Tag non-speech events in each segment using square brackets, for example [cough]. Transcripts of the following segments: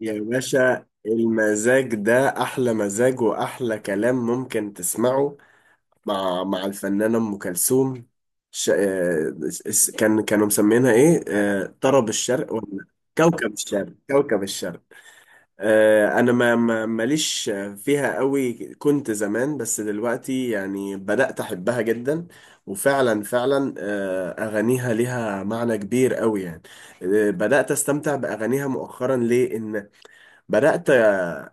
يا باشا المزاج ده أحلى مزاج وأحلى كلام ممكن تسمعه مع الفنانة أم كلثوم. ش... آه، كانوا مسمينها إيه؟ طرب الشرق ولا كوكب الشرق، كوكب الشرق. أنا ماليش فيها قوي، كنت زمان بس دلوقتي يعني بدأت أحبها جدا. وفعلا فعلا، أغانيها ليها معنى كبير قوي يعني. بدأت أستمتع بأغانيها مؤخرا. ليه؟ إن بدأت،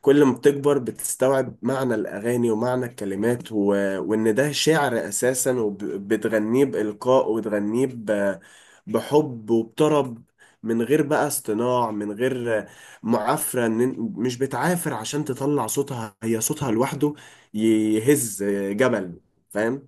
كل ما بتكبر بتستوعب معنى الأغاني ومعنى الكلمات، وإن ده شعر أساسا، وبتغنيه بإلقاء، وتغنيه بحب وبطرب، من غير بقى اصطناع، من غير معافرة. مش بتعافر عشان تطلع صوتها، هي صوتها لوحده يهز جبل، فاهم؟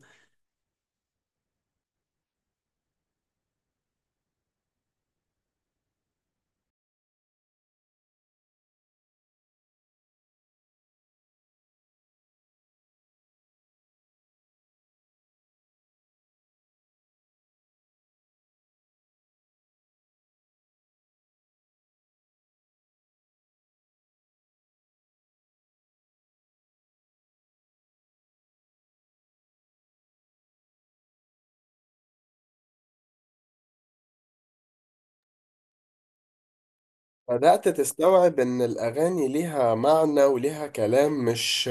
بدأت تستوعب إن الأغاني ليها معنى وليها كلام، مش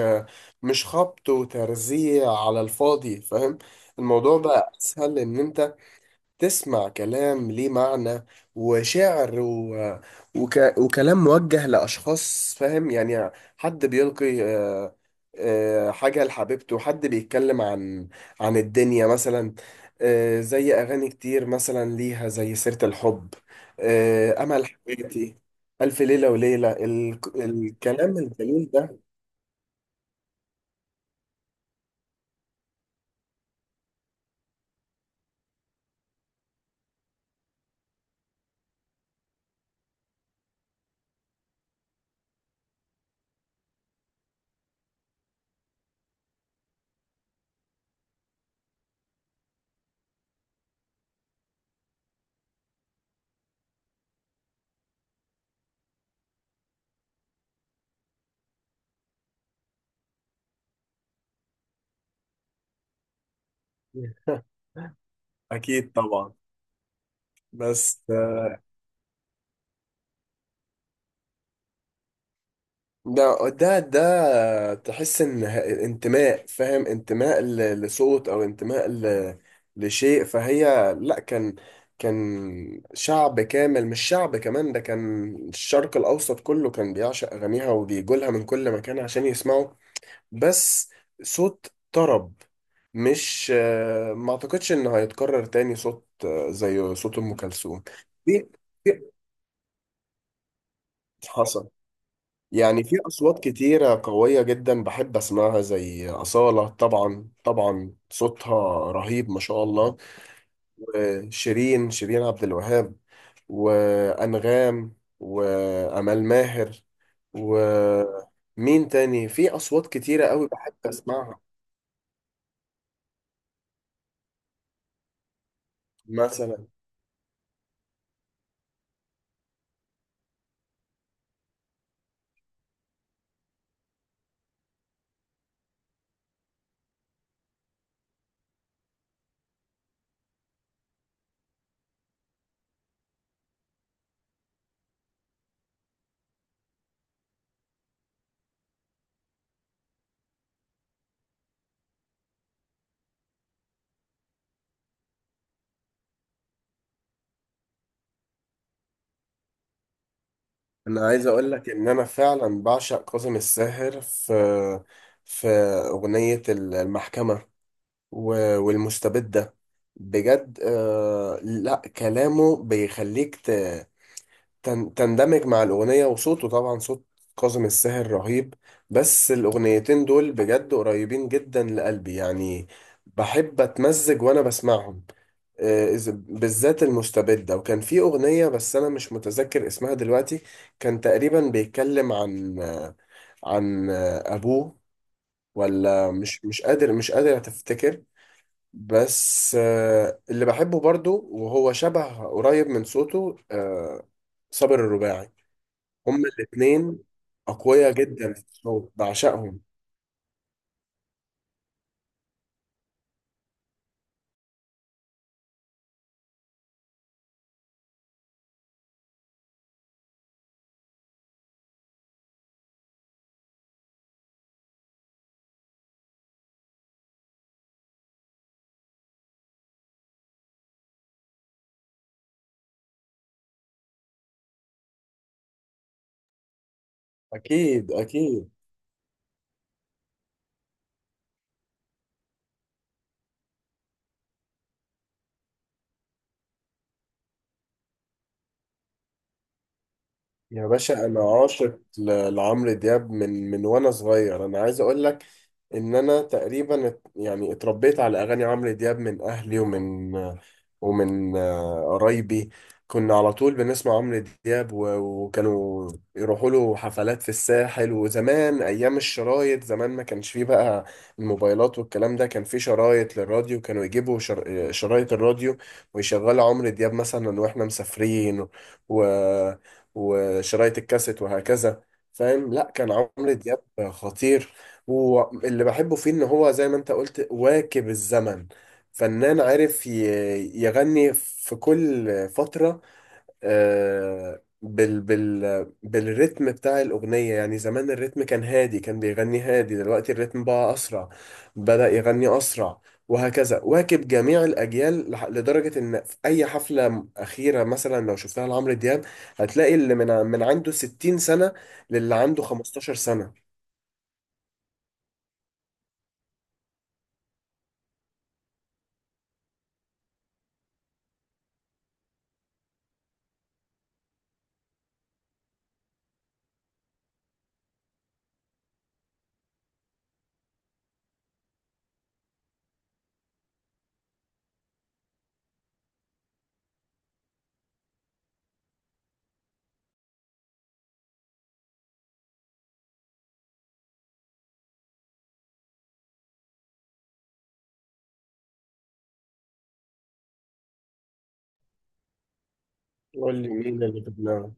مش خبط وترزيع على الفاضي، فاهم؟ الموضوع بقى أسهل إن أنت تسمع كلام ليه معنى، وشعر، وكلام موجه لأشخاص، فاهم يعني؟ حد بيلقي حاجة لحبيبته، حد بيتكلم عن الدنيا مثلا. زي أغاني كتير مثلا ليها، زي سيرة الحب، أمل حياتي، ألف ليلة وليلة، الكلام الجميل ده. [laughs] أكيد طبعا. بس ده تحس ان انتماء، فاهم؟ انتماء لصوت، او انتماء لشيء، فهي لا، كان شعب كامل، مش شعب كمان. ده كان الشرق الاوسط كله كان بيعشق اغانيها، وبيجولها من كل مكان عشان يسمعوا. بس صوت طرب، مش، ما اعتقدش انه هيتكرر تاني صوت زي صوت ام كلثوم. دي دي- حصل. يعني في أصوات كتيرة قوية جدا بحب أسمعها، زي أصالة، طبعا طبعا صوتها رهيب ما شاء الله. وشيرين، شيرين عبد الوهاب، وأنغام، وأمال ماهر. ومين تاني؟ في أصوات كتيرة قوي بحب أسمعها مثلا. أنا عايز أقول لك إن أنا فعلا بعشق كاظم الساهر في أغنية المحكمة والمستبدة، بجد. آه لا، كلامه بيخليك تندمج مع الأغنية، وصوته طبعا، صوت كاظم الساهر رهيب. بس الأغنيتين دول بجد قريبين جدا لقلبي يعني، بحب أتمزج وأنا بسمعهم. آه بالذات المستبدة. وكان في أغنية بس أنا مش متذكر اسمها دلوقتي، كان تقريبا بيتكلم عن عن أبوه، ولا مش قادر مش قادر أتفتكر. بس اللي بحبه برضو وهو شبه قريب من صوته، صابر الرباعي. هما الاتنين أقوياء جدا في الصوت، بعشقهم. أكيد أكيد. يا باشا انا عاشق لعمرو دياب من وانا صغير. انا عايز اقول لك ان انا تقريبا، يعني اتربيت على اغاني عمرو دياب من اهلي، ومن قرايبي. كنا على طول بنسمع عمرو دياب، وكانوا يروحوا له حفلات في الساحل. وزمان ايام الشرايط، زمان ما كانش فيه بقى الموبايلات والكلام ده، كان فيه شرايط للراديو. كانوا يجيبوا شرايط الراديو ويشغلوا عمرو دياب مثلا واحنا مسافرين، و... وشرايط الكاسيت وهكذا. فاهم؟ لا كان عمرو دياب خطير. واللي بحبه فيه ان هو زي ما انت قلت واكب الزمن، فنان عارف يغني في كل فترة، بالريتم بتاع الأغنية. يعني زمان الريتم كان هادي، كان بيغني هادي، دلوقتي الريتم بقى أسرع، بدأ يغني أسرع. وهكذا واكب جميع الأجيال، لدرجة إن في أي حفلة أخيرة مثلا، لو شفتها لعمرو دياب، هتلاقي اللي من عنده 60 سنة للي عنده 15 سنة. قول لي مين اللي في دماغك؟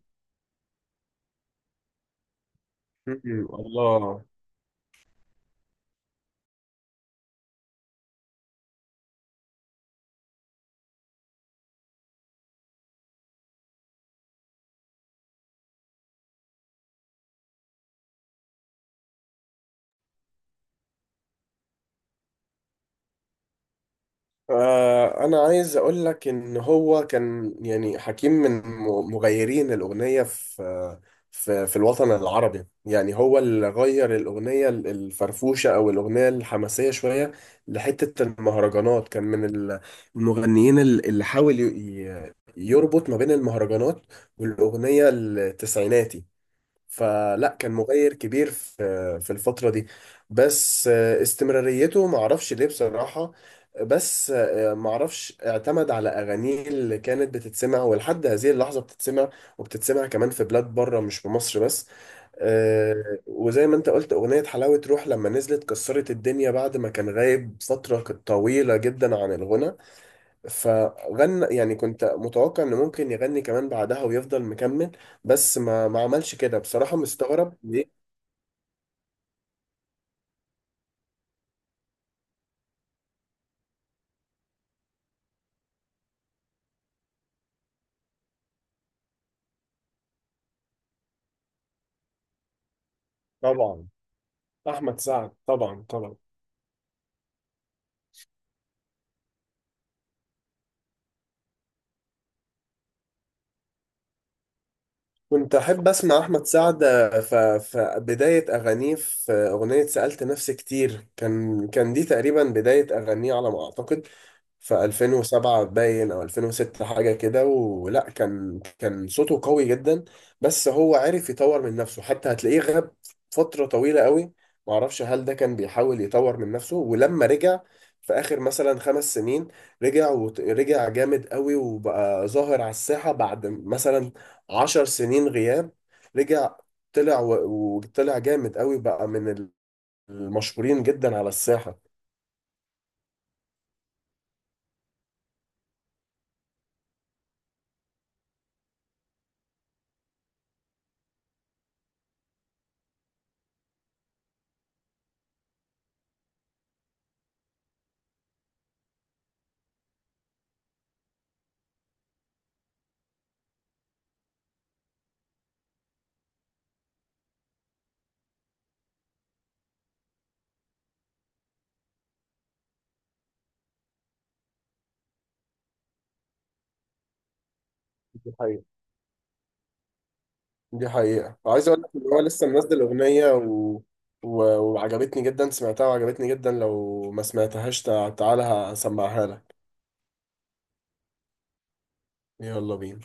الله. انا عايز اقول لك ان هو كان، يعني حكيم من مغيرين الاغنيه في في الوطن العربي. يعني هو اللي غير الاغنيه الفرفوشه، او الاغنيه الحماسيه شويه، لحته المهرجانات. كان من المغنيين اللي حاول يربط ما بين المهرجانات والاغنيه التسعيناتي. فلا كان مغير كبير في الفترة دي. بس استمراريته معرفش ليه بصراحة. بس معرفش، اعتمد على أغانيه اللي كانت بتتسمع، ولحد هذه اللحظة بتتسمع، وبتتسمع كمان في بلاد بره، مش في مصر بس. وزي ما انت قلت، أغنية حلاوة روح لما نزلت كسرت الدنيا بعد ما كان غايب فترة طويلة جدا عن الغنى. فغنى يعني، كنت متوقع انه ممكن يغني كمان بعدها ويفضل مكمل، بس ما عملش كده. بصراحة مستغرب ليه. طبعا، احمد سعد طبعا طبعا. كنت أحب أسمع أحمد سعد في بداية أغانيه، في أغنية سألت نفسي كتير، كان دي تقريبا بداية أغانيه على ما أعتقد، في 2007 باين أو 2006 حاجة كده. ولا كان صوته قوي جدا. بس هو عرف يطور من نفسه، حتى هتلاقيه غاب فترة طويلة قوي. معرفش هل ده كان بيحاول يطور من نفسه، ولما رجع في آخر مثلا 5 سنين، رجع ورجع جامد قوي، وبقى ظاهر على الساحة بعد مثلا 10 سنين غياب. رجع طلع، وطلع جامد قوي، بقى من المشهورين جدا على الساحة. دي حقيقة، دي حقيقة. عايز اقول لك ان هو لسه منزل اغنية و... وعجبتني جدا، سمعتها وعجبتني جدا. لو ما سمعتهاش، تعالى هسمعها لك. يلا بينا.